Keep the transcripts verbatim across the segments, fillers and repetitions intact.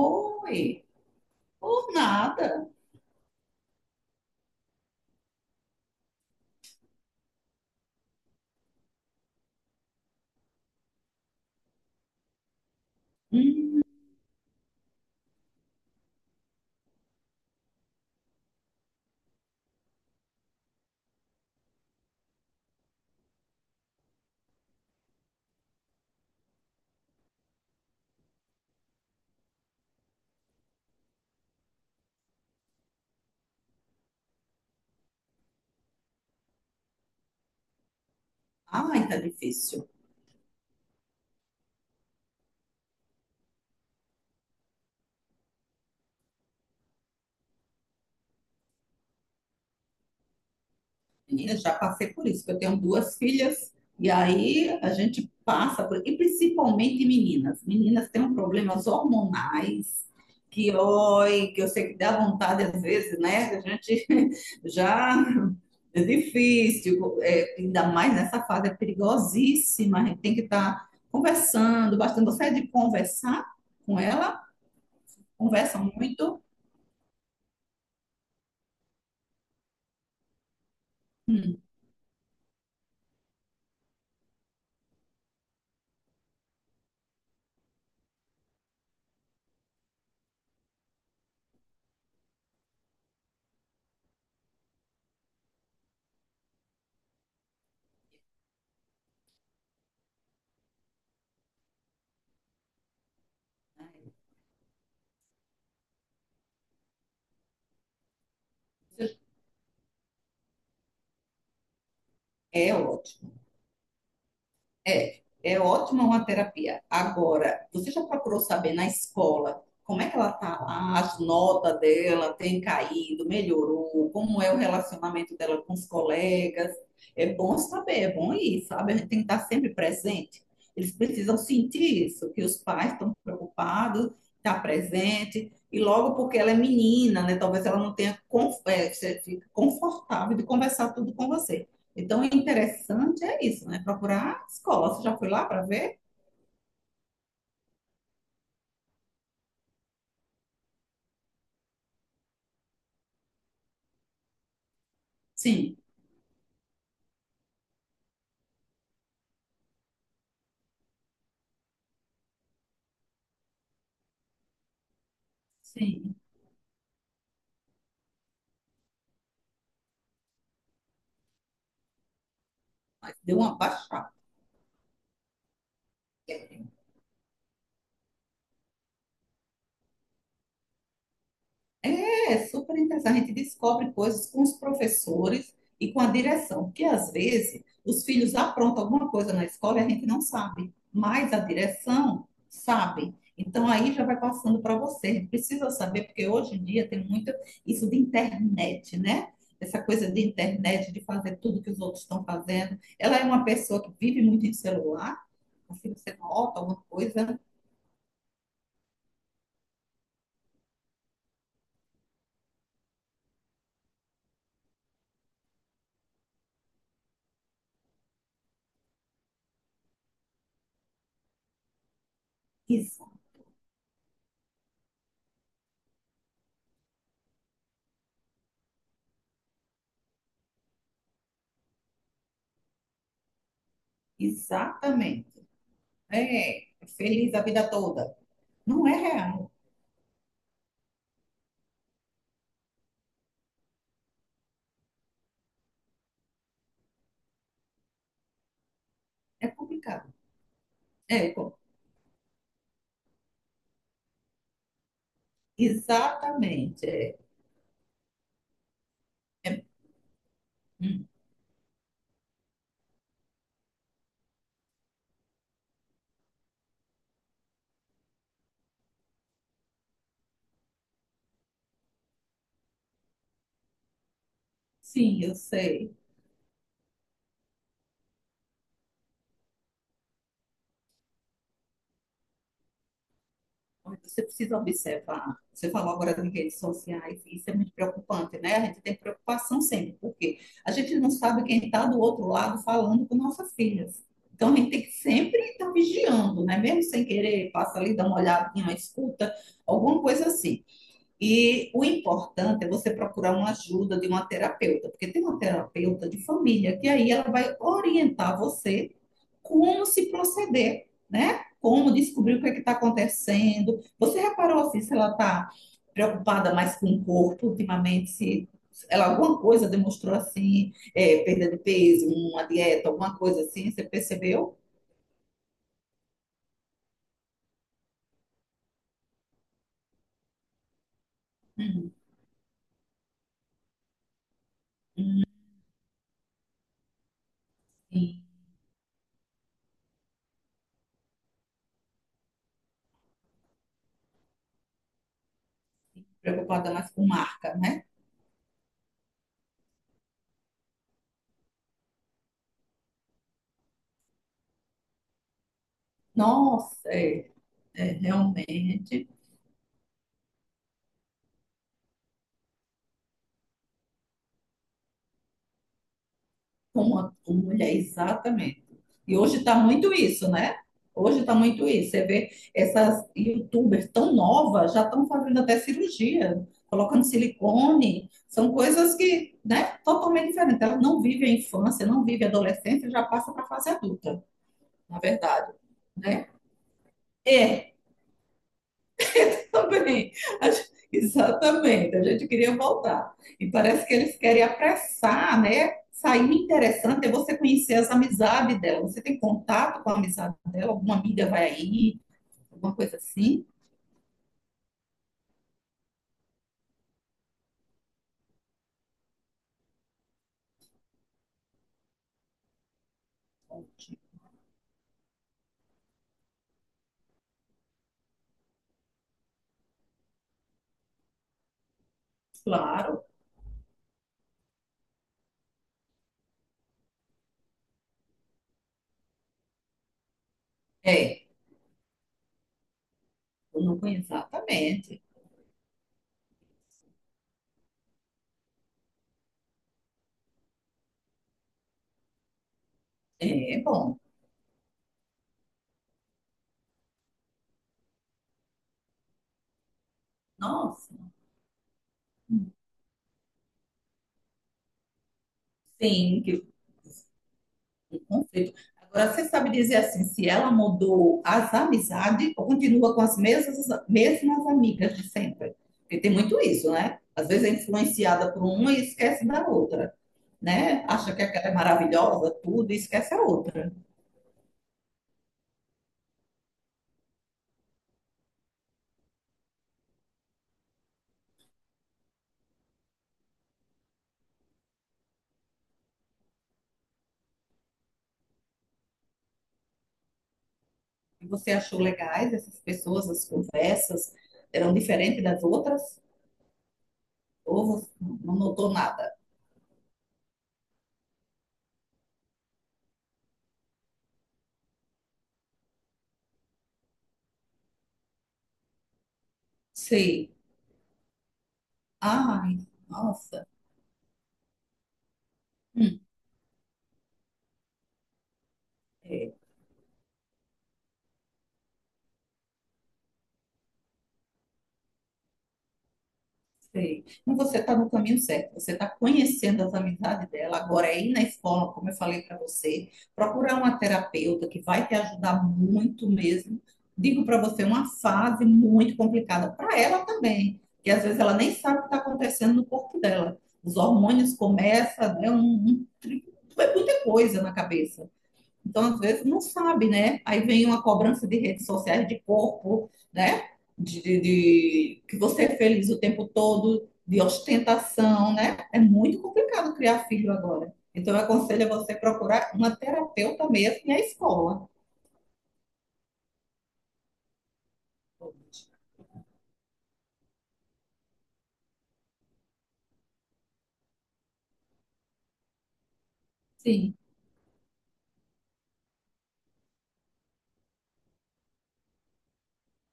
Oi, por nada. Hum, ai, tá difícil. Menina, já passei por isso, que eu tenho duas filhas, e aí a gente passa por. E principalmente meninas. Meninas têm problemas hormonais, que, oi, que eu sei que dá vontade às vezes, né? A gente já. É difícil, é, ainda mais nessa fase, é perigosíssima. A gente tem que estar conversando bastante. Você é de conversar com ela? Conversa muito? Hum. É ótimo. É, é ótima uma terapia. Agora, você já procurou saber na escola como é que ela tá lá, as notas dela têm caído, melhorou, como é o relacionamento dela com os colegas? É bom saber, é bom ir, sabe? A gente tem que estar sempre presente. Eles precisam sentir isso, que os pais estão preocupados, está presente, e logo porque ela é menina, né? Talvez ela não tenha con- eh, fique confortável de conversar tudo com você. Então, o interessante é isso, né? Procurar a escola. Você já foi lá para ver? Sim. Sim. Deu uma baixada. É super interessante. A gente descobre coisas com os professores e com a direção, porque às vezes os filhos aprontam alguma coisa na escola e a gente não sabe, mas a direção sabe. Então aí já vai passando para você. A gente precisa saber, porque hoje em dia tem muito isso de internet, né? Essa coisa de internet, de fazer tudo que os outros estão fazendo. Ela é uma pessoa que vive muito em celular, assim você nota alguma coisa. Isso, exatamente. É, feliz a vida toda. Não é real, é complicado. É, co- exatamente. É. É, hum, sim, eu sei. Mas você precisa observar. Você falou agora das redes sociais, e isso é muito preocupante, né? A gente tem preocupação sempre, porque a gente não sabe quem está do outro lado falando com nossas filhas. Então a gente tem que sempre estar vigiando, né? Mesmo sem querer, passa ali, dá uma olhadinha, escuta, alguma coisa assim. E o importante é você procurar uma ajuda de uma terapeuta, porque tem uma terapeuta de família que aí ela vai orientar você como se proceder, né? Como descobrir o que é que está acontecendo. Você reparou assim, se ela está preocupada mais com o corpo ultimamente, se ela alguma coisa demonstrou assim, é, perda de peso, uma dieta, alguma coisa assim, você percebeu? Hum, sim. Preocupada mais com marca, né? Nossa, é, é realmente. Com a com mulher, exatamente. E hoje está muito isso, né? Hoje está muito isso. Você vê essas youtubers tão novas, já estão fazendo até cirurgia, colocando silicone. São coisas que, né, totalmente diferentes. Elas não vivem a infância, não vivem a adolescência, já passa para a fase adulta, na verdade, né? É, também, a gente- exatamente, a gente queria voltar. E parece que eles querem apressar, né? Sair interessante é você conhecer as amizades dela. Você tem contato com a amizade dela? Alguma amiga vai aí? Alguma coisa assim? Claro, é. Eu não conheço exatamente. É bom. Nossa. Sim, o conceito. Agora, você sabe dizer assim, se ela mudou as amizades ou continua com as mesmas, mesmas amigas de sempre? Porque tem muito isso, né? Às vezes é influenciada por uma e esquece da outra, né? Acha que aquela é maravilhosa, tudo, e esquece a outra. E você achou legais essas pessoas, as conversas eram diferentes das outras? Ou você não notou nada? Sei. Ai, nossa. Hum. É. Sei. Mas você está no caminho certo, você está conhecendo as amizades dela. Agora, é ir na escola, como eu falei para você, procurar uma terapeuta que vai te ajudar muito mesmo. Digo para você, uma fase muito complicada para ela também, que às vezes ela nem sabe o que está acontecendo no corpo dela. Os hormônios começam, né? Um, um, é muita coisa na cabeça. Então, às vezes, não sabe, né? Aí vem uma cobrança de redes sociais, de corpo, né? De, de- de- que você é feliz o tempo todo, de ostentação, né? É muito complicado criar filho agora. Então, eu aconselho a você procurar uma terapeuta mesmo e a escola. Sim,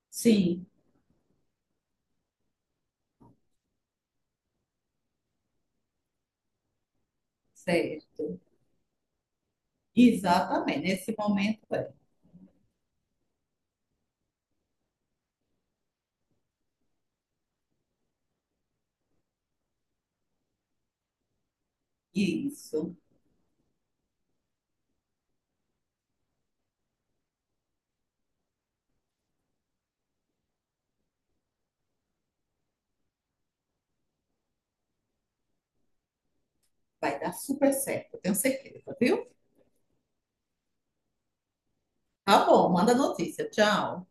sim, sério. Exatamente. Nesse momento, é. Isso. Vai dar super certo, eu tenho certeza, viu? Tá bom, manda notícia. Tchau.